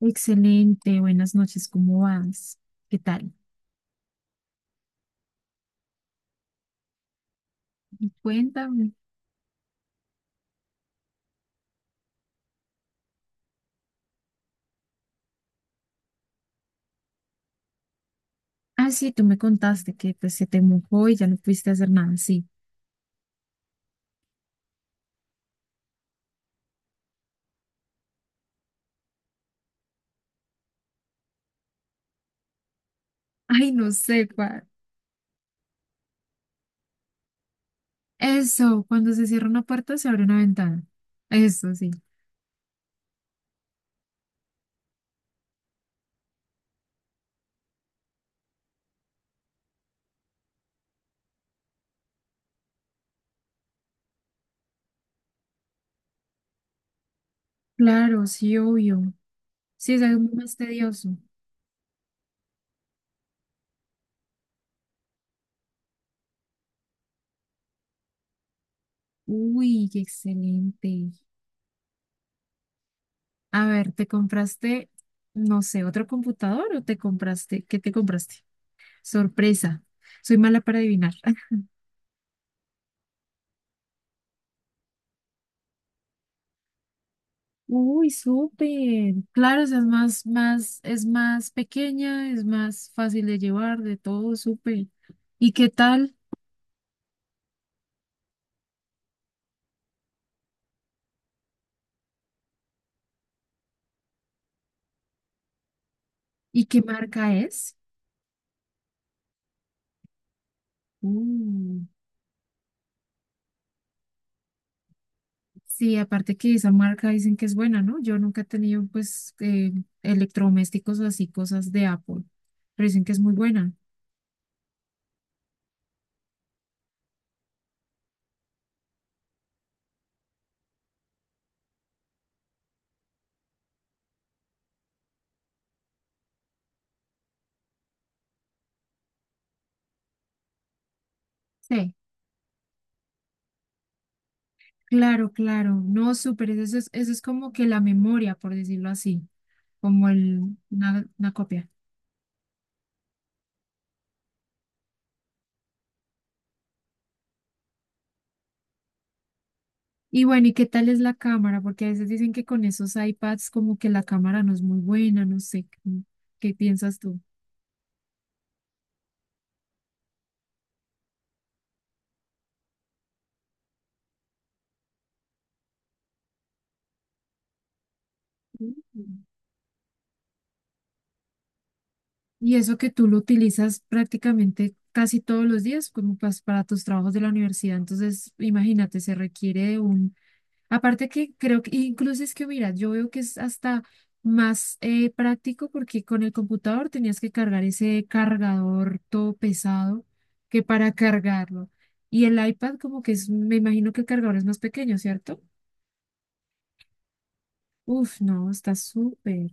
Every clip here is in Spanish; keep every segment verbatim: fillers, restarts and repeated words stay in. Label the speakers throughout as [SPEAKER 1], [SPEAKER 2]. [SPEAKER 1] Excelente, buenas noches, ¿cómo vas? ¿Qué tal? Cuéntame. Ah, sí, tú me contaste que pues, se te mojó y ya no pudiste hacer nada, sí. Ay, no sé cuál. Eso, cuando se cierra una puerta se abre una ventana. Eso, sí. Claro, sí, obvio. Sí, es algo más tedioso. Uy, qué excelente. A ver, ¿te compraste, no sé, otro computador o te compraste, qué te compraste? Sorpresa, soy mala para adivinar. Uy, súper. Claro, o sea, es más, más, es más pequeña, es más fácil de llevar, de todo, súper. ¿Y qué tal? ¿Y qué marca es? Uh, sí, aparte que esa marca dicen que es buena, ¿no? Yo nunca he tenido, pues, eh, electrodomésticos o así, cosas de Apple, pero dicen que es muy buena. Sí. Claro, claro. No, súper. Eso es, eso es como que la memoria, por decirlo así, como el, una una copia. Y bueno, ¿y qué tal es la cámara? Porque a veces dicen que con esos iPads como que la cámara no es muy buena, no sé, ¿qué qué piensas tú? Mm. Y eso que tú lo utilizas prácticamente casi todos los días como pas- para tus trabajos de la universidad, entonces imagínate, se requiere de un. Aparte que creo que incluso es que, mira, yo veo que es hasta más eh, práctico porque con el computador tenías que cargar ese cargador todo pesado que para cargarlo. Y el iPad como que es, me imagino que el cargador es más pequeño, ¿cierto? Uf, no, está súper.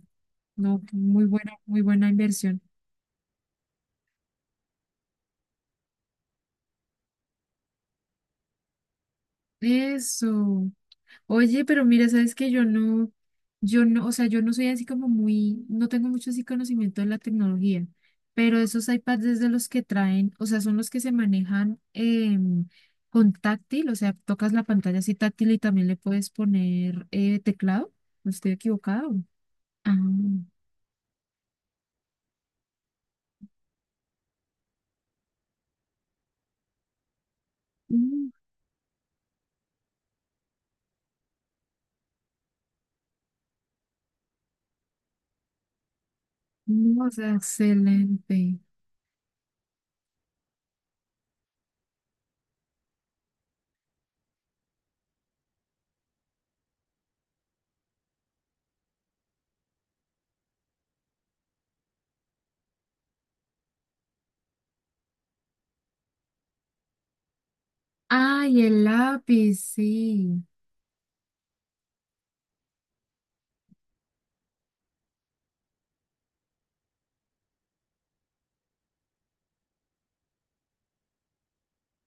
[SPEAKER 1] No, muy buena, muy buena inversión. Eso. Oye, pero mira, sabes que yo no, yo no, o sea, yo no soy así como muy, no tengo mucho así conocimiento de la tecnología, pero esos iPads es de los que traen, o sea, son los que se manejan em, con táctil, o sea, tocas la pantalla así táctil y también le puedes poner eh, teclado. ¿No estoy equivocado? Ah, mm, no, o sea, excelente. Ay, el lápiz, sí,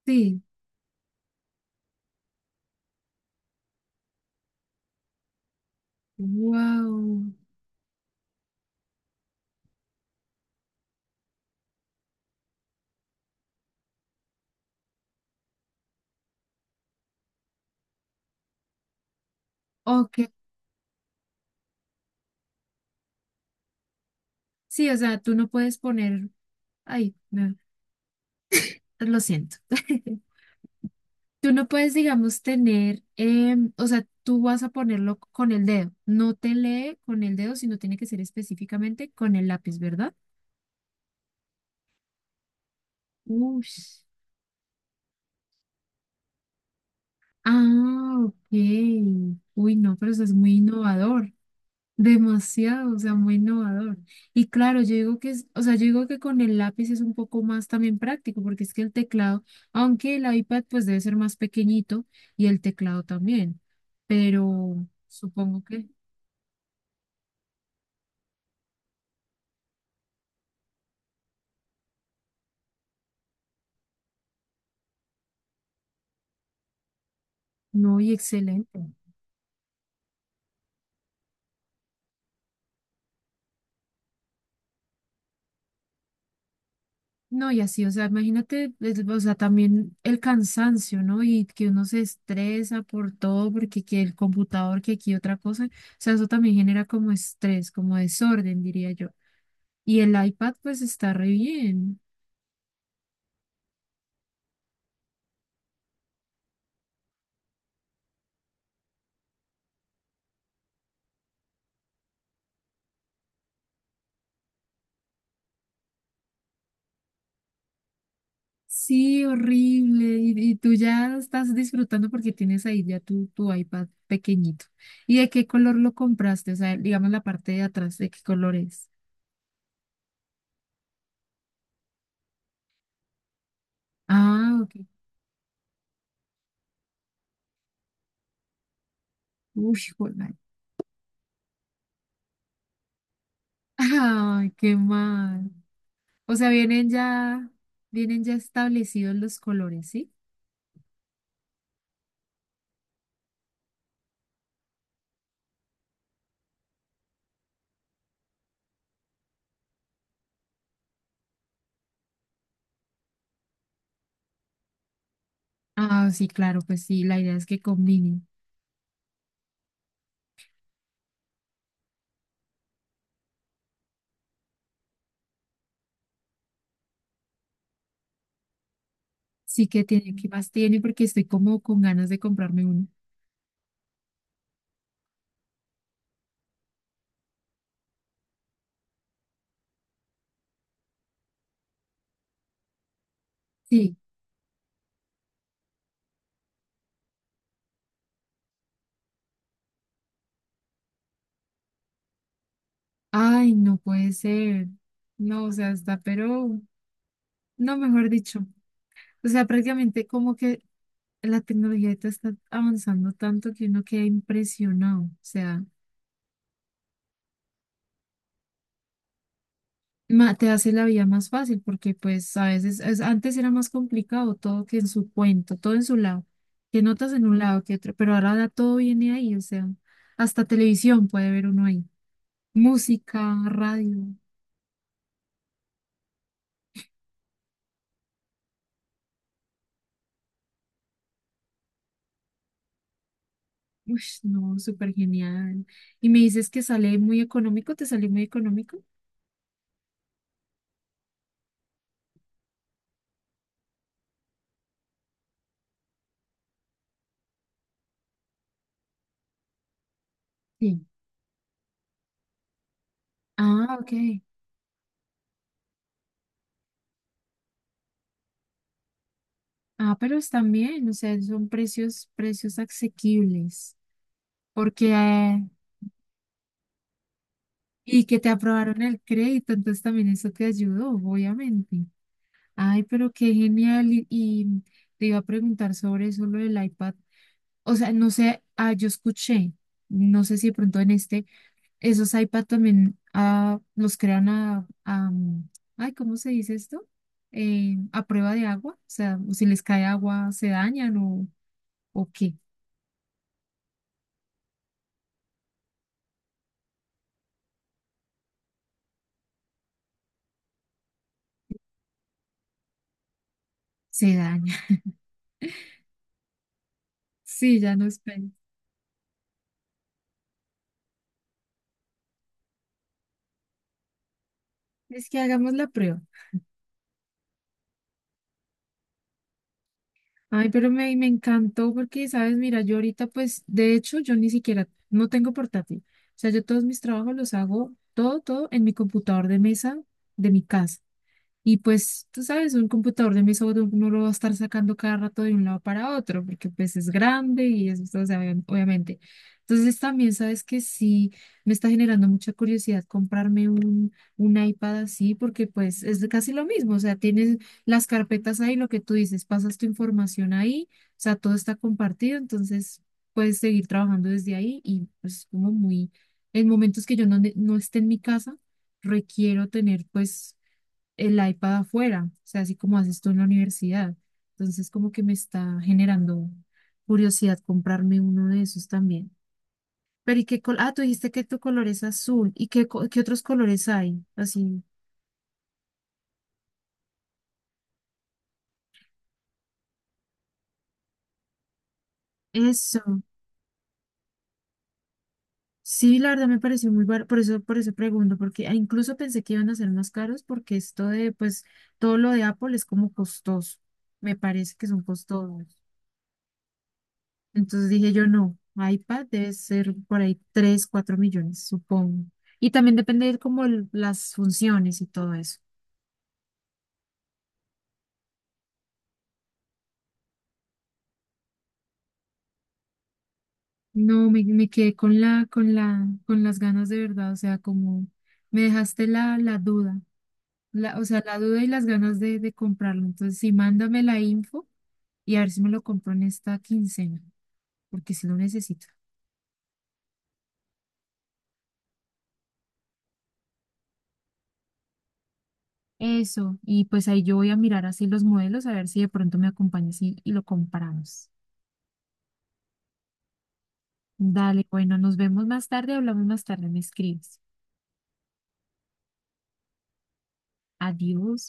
[SPEAKER 1] sí, wow. Ok, sí, o sea, tú no puedes poner, ay, no. Lo siento. Tú no puedes, digamos, tener, em, o sea, tú vas a ponerlo con el dedo. No te lee con el dedo, sino tiene que ser específicamente con el lápiz, ¿verdad? Uy. Ah, ok. Uy, no, pero eso es muy innovador. Demasiado, o sea, muy innovador. Y claro, yo digo que es, o sea, yo digo que con el lápiz es un poco más también práctico, porque es que el teclado, aunque el iPad pues debe ser más pequeñito y el teclado también, pero supongo que. No, y excelente. No, y así, o sea, imagínate, es- o sea, también el cansancio, ¿no? Y que uno se estresa por todo, porque que el computador, que aquí otra cosa, o sea, eso también genera como estrés, como desorden, diría yo. Y el iPad, pues está re bien. Sí, horrible. Y, y tú ya estás disfrutando porque tienes ahí ya tu, tu iPad pequeñito. ¿Y de qué color lo compraste? O sea, digamos la parte de atrás, ¿de qué color es? Ah, ok. Uy. Ay, qué mal. O sea, vienen ya, vienen ya establecidos los colores, ¿sí? Ah, sí, claro, pues sí, la idea es que combinen. Sí que tiene, ¿qué más tiene? Porque estoy como con ganas de comprarme uno. Sí. Ay, no puede ser. No, o sea, está, pero, no, mejor dicho. O sea, prácticamente como que la tecnología ahorita está avanzando tanto que uno queda impresionado. O sea, ma- te hace la vida más fácil porque pues a veces es- antes era más complicado todo que en su cuento, todo en su lado, que notas en un lado, que otro, pero ahora da- todo viene ahí. O sea, hasta televisión puede ver uno ahí. Música, radio. Uy, no, súper genial. Y me dices que sale muy económico, ¿te sale muy económico? Sí. Ah, ok. Ah, pero están bien, o sea, son precios, precios asequibles, porque eh, y que te aprobaron el crédito, entonces también eso te ayudó, obviamente. Ay, pero qué genial, y, y te iba a preguntar sobre eso, lo del iPad, o sea, no sé, ah, yo escuché, no sé si de pronto en este, esos iPad también ah, los crean a, a, mm, ay, ¿cómo se dice esto? Eh, a prueba de agua, o sea, si les cae agua, ¿se dañan o, o qué? Se dañan. Sí, ya no esperes. Es que hagamos la prueba. Ay, pero me, me encantó porque, sabes, mira, yo ahorita, pues, de hecho, yo ni siquiera, no tengo portátil. O sea, yo todos mis trabajos los hago, todo, todo en mi computador de mesa de mi casa. Y pues, tú sabes, un computador de mesa uno no lo va a estar sacando cada rato de un lado para otro, porque pues es grande y es, o sea, obvia- obviamente. Entonces también sabes que sí, me está generando mucha curiosidad comprarme un, un iPad así, porque pues es casi lo mismo, o sea, tienes las carpetas ahí, lo que tú dices, pasas tu información ahí, o sea, todo está compartido, entonces puedes seguir trabajando desde ahí y pues como muy, en momentos que yo no, ne- no esté en mi casa, requiero tener pues el iPad afuera, o sea, así como haces tú en la universidad. Entonces, como que me está generando curiosidad comprarme uno de esos también. Pero, ¿y qué col. Ah, tú dijiste que tu color es azul. ¿Y qué, co- qué otros colores hay? Así, eso. Sí, la verdad me pareció muy barato, por eso, por eso pregunto, porque ah, incluso pensé que iban a ser más caros, porque esto de, pues, todo lo de Apple es como costoso. Me parece que son costosos. Entonces dije yo, no, iPad debe ser por ahí tres cuatro millones, supongo. Y también depende de como el- las funciones y todo eso. No, me, me quedé con la, con la, con las ganas de verdad, o sea, como me dejaste la, la duda, la, o sea, la duda y las ganas de, de comprarlo. Entonces, sí, mándame la info y a ver si me lo compro en esta quincena, porque sí lo necesito. Eso, y pues ahí yo voy a mirar así los modelos, a ver si de pronto me acompañas y, y lo comparamos. Dale, bueno, nos vemos más tarde, hablamos más tarde, me escribes. Adiós.